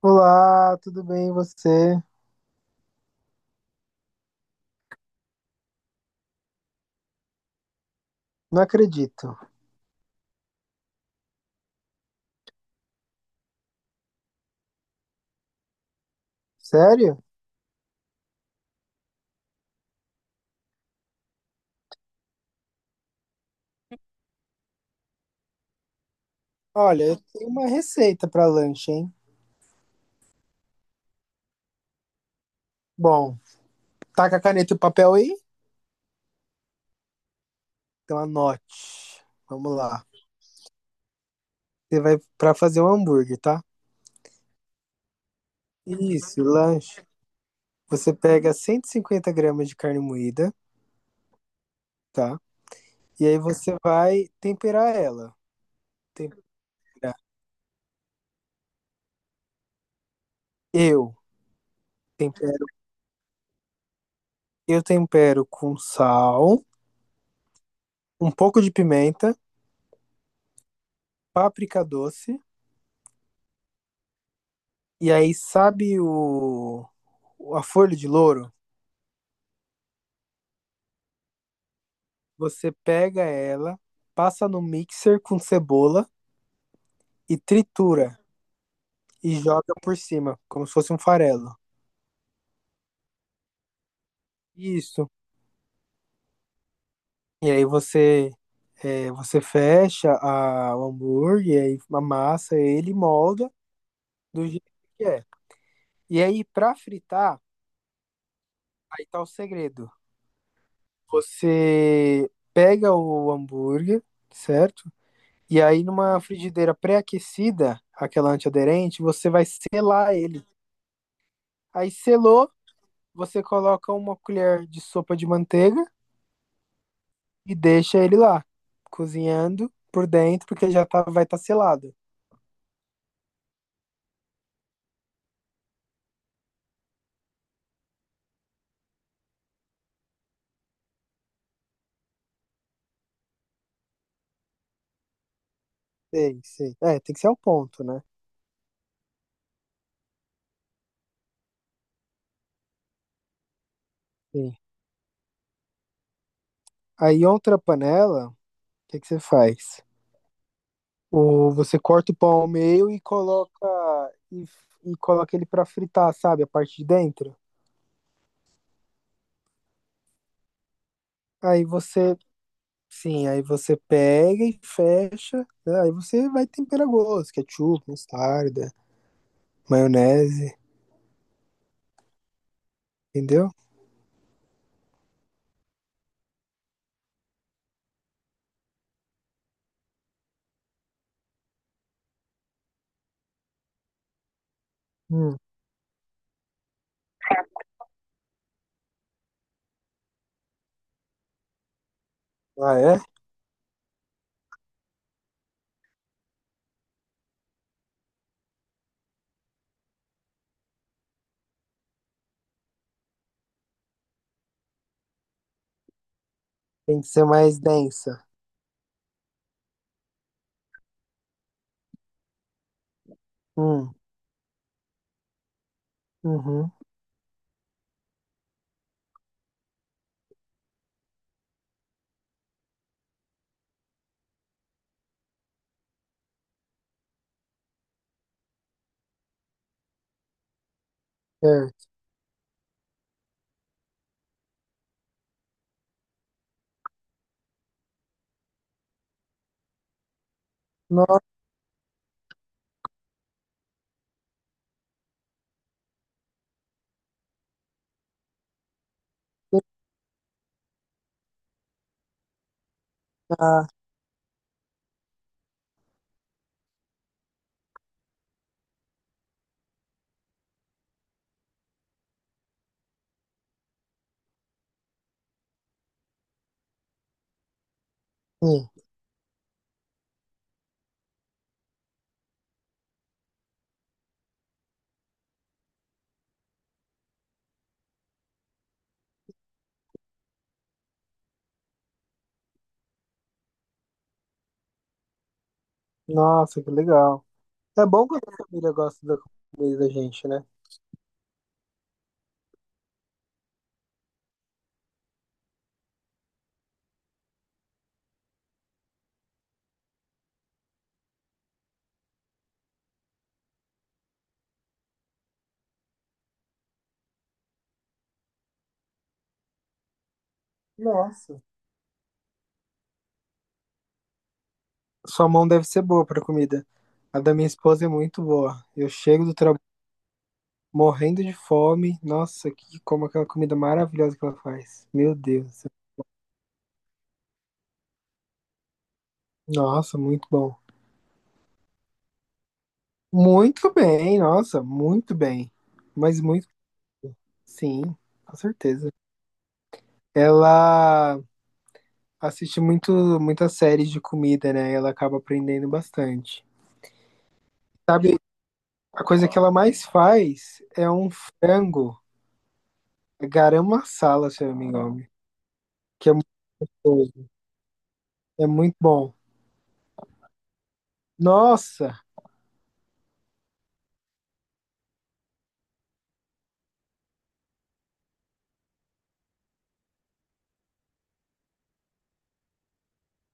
Olá, tudo bem e você? Não acredito. Sério? Olha, eu tenho uma receita para lanche, hein? Bom, tá com a caneta e o papel aí? Então anote. Vamos lá. Você vai para fazer um hambúrguer, tá? Isso, lanche. Você pega 150 gramas de carne moída, tá? E aí você vai temperar ela. Tempera. Eu tempero, eu tempero com sal, um pouco de pimenta, páprica doce. E aí, sabe o a folha de louro? Você pega ela, passa no mixer com cebola e tritura e joga por cima, como se fosse um farelo. Isso. E aí você é, você fecha o hambúrguer, aí amassa ele, e molda do jeito que é. E aí, pra fritar, aí tá o segredo. Você pega o hambúrguer, certo? E aí, numa frigideira pré-aquecida, aquela antiaderente, você vai selar ele. Aí, selou, você coloca uma colher de sopa de manteiga e deixa ele lá, cozinhando por dentro, porque já tá, vai estar selado. Sei, sei. É, tem que ser ao ponto, né? Sim. Aí, outra panela, o que que você faz? O, você corta o pão ao meio e coloca, e, e coloca ele para fritar, sabe? A parte de dentro. Aí você Sim, aí você pega e fecha, né? Aí você vai tempera a gosto, ketchup, mostarda, maionese, entendeu? Hum. Ah, é? Tem que ser mais densa. Hum, uhum, certo. Nossa, ah, sim. Nossa, que legal. É bom quando a família gosta da comida da gente, né? Nossa. Sua mão deve ser boa pra comida. A da minha esposa é muito boa. Eu chego do trabalho morrendo de fome. Nossa, que como aquela comida maravilhosa que ela faz. Meu Deus. Nossa, muito bom. Muito bem, nossa, muito bem. Mas muito, sim, com certeza. Ela assiste muitas séries de comida, né? Ela acaba aprendendo bastante. Sabe, a coisa que ela mais faz é um frango garam masala, se eu não me engano, que é muito gostoso, é muito bom. Nossa,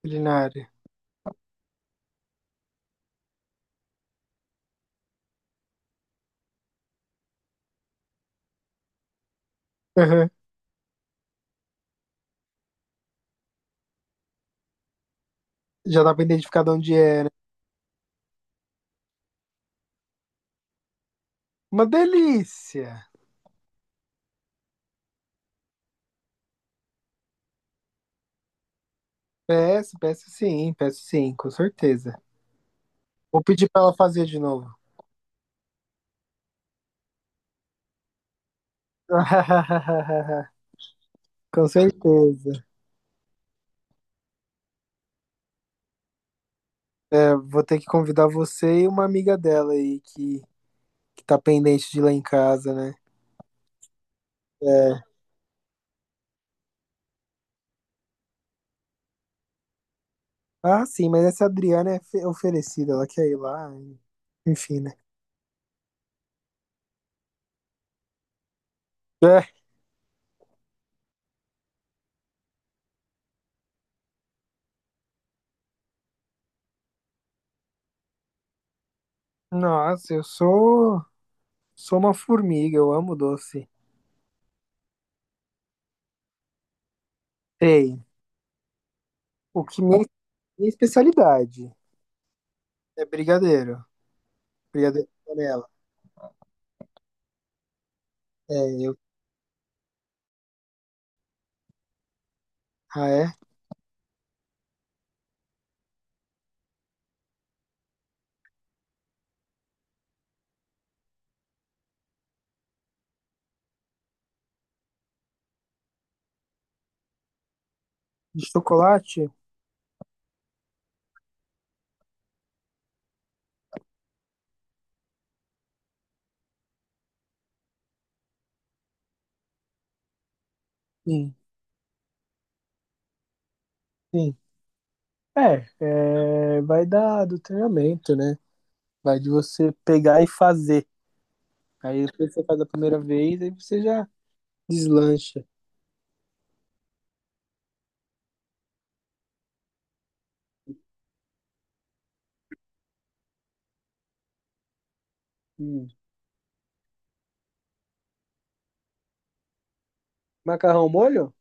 culinária. Aham. Já dá pra identificar de onde é, né? Uma delícia. Peço, peço sim, com certeza. Vou pedir pra ela fazer de novo. Com certeza. É, vou ter que convidar você e uma amiga dela aí que tá pendente de ir lá em casa, né? É. Ah, sim, mas essa Adriana é oferecida, ela quer ir lá, enfim, né? É. Nossa, eu sou uma formiga, eu amo doce. Ei, o que minha, minha especialidade é brigadeiro, brigadeiro de panela. É, eu, ah, é? De chocolate? Sim, sim. É, é, vai dar do treinamento, né? Vai de você pegar e fazer. Aí depois você faz a primeira vez, aí você já deslancha. Hum. Macarrão molho?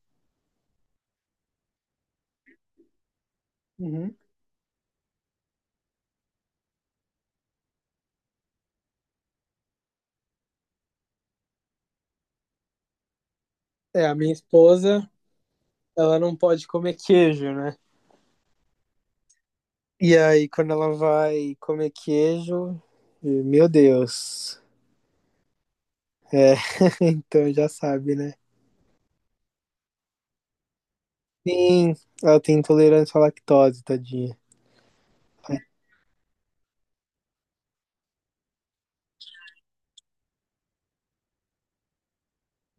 Uhum. É, a minha esposa, ela não pode comer queijo, né? E aí, quando ela vai comer queijo, e, meu Deus. É, então já sabe, né? Sim, ela tem intolerância à lactose, tadinha.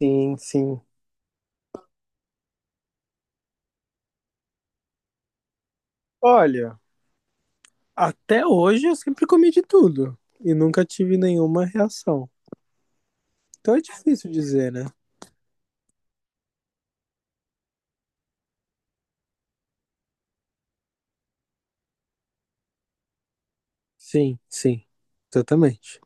Sim, sim. Olha, até hoje eu sempre comi de tudo e nunca tive nenhuma reação. Então é difícil dizer, né? Sim, sim, exatamente.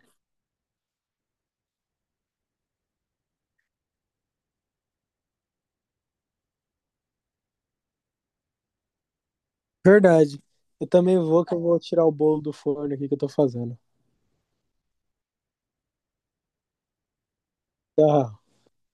Verdade. Eu também vou que eu vou tirar o bolo do forno aqui que eu tô fazendo. Tá.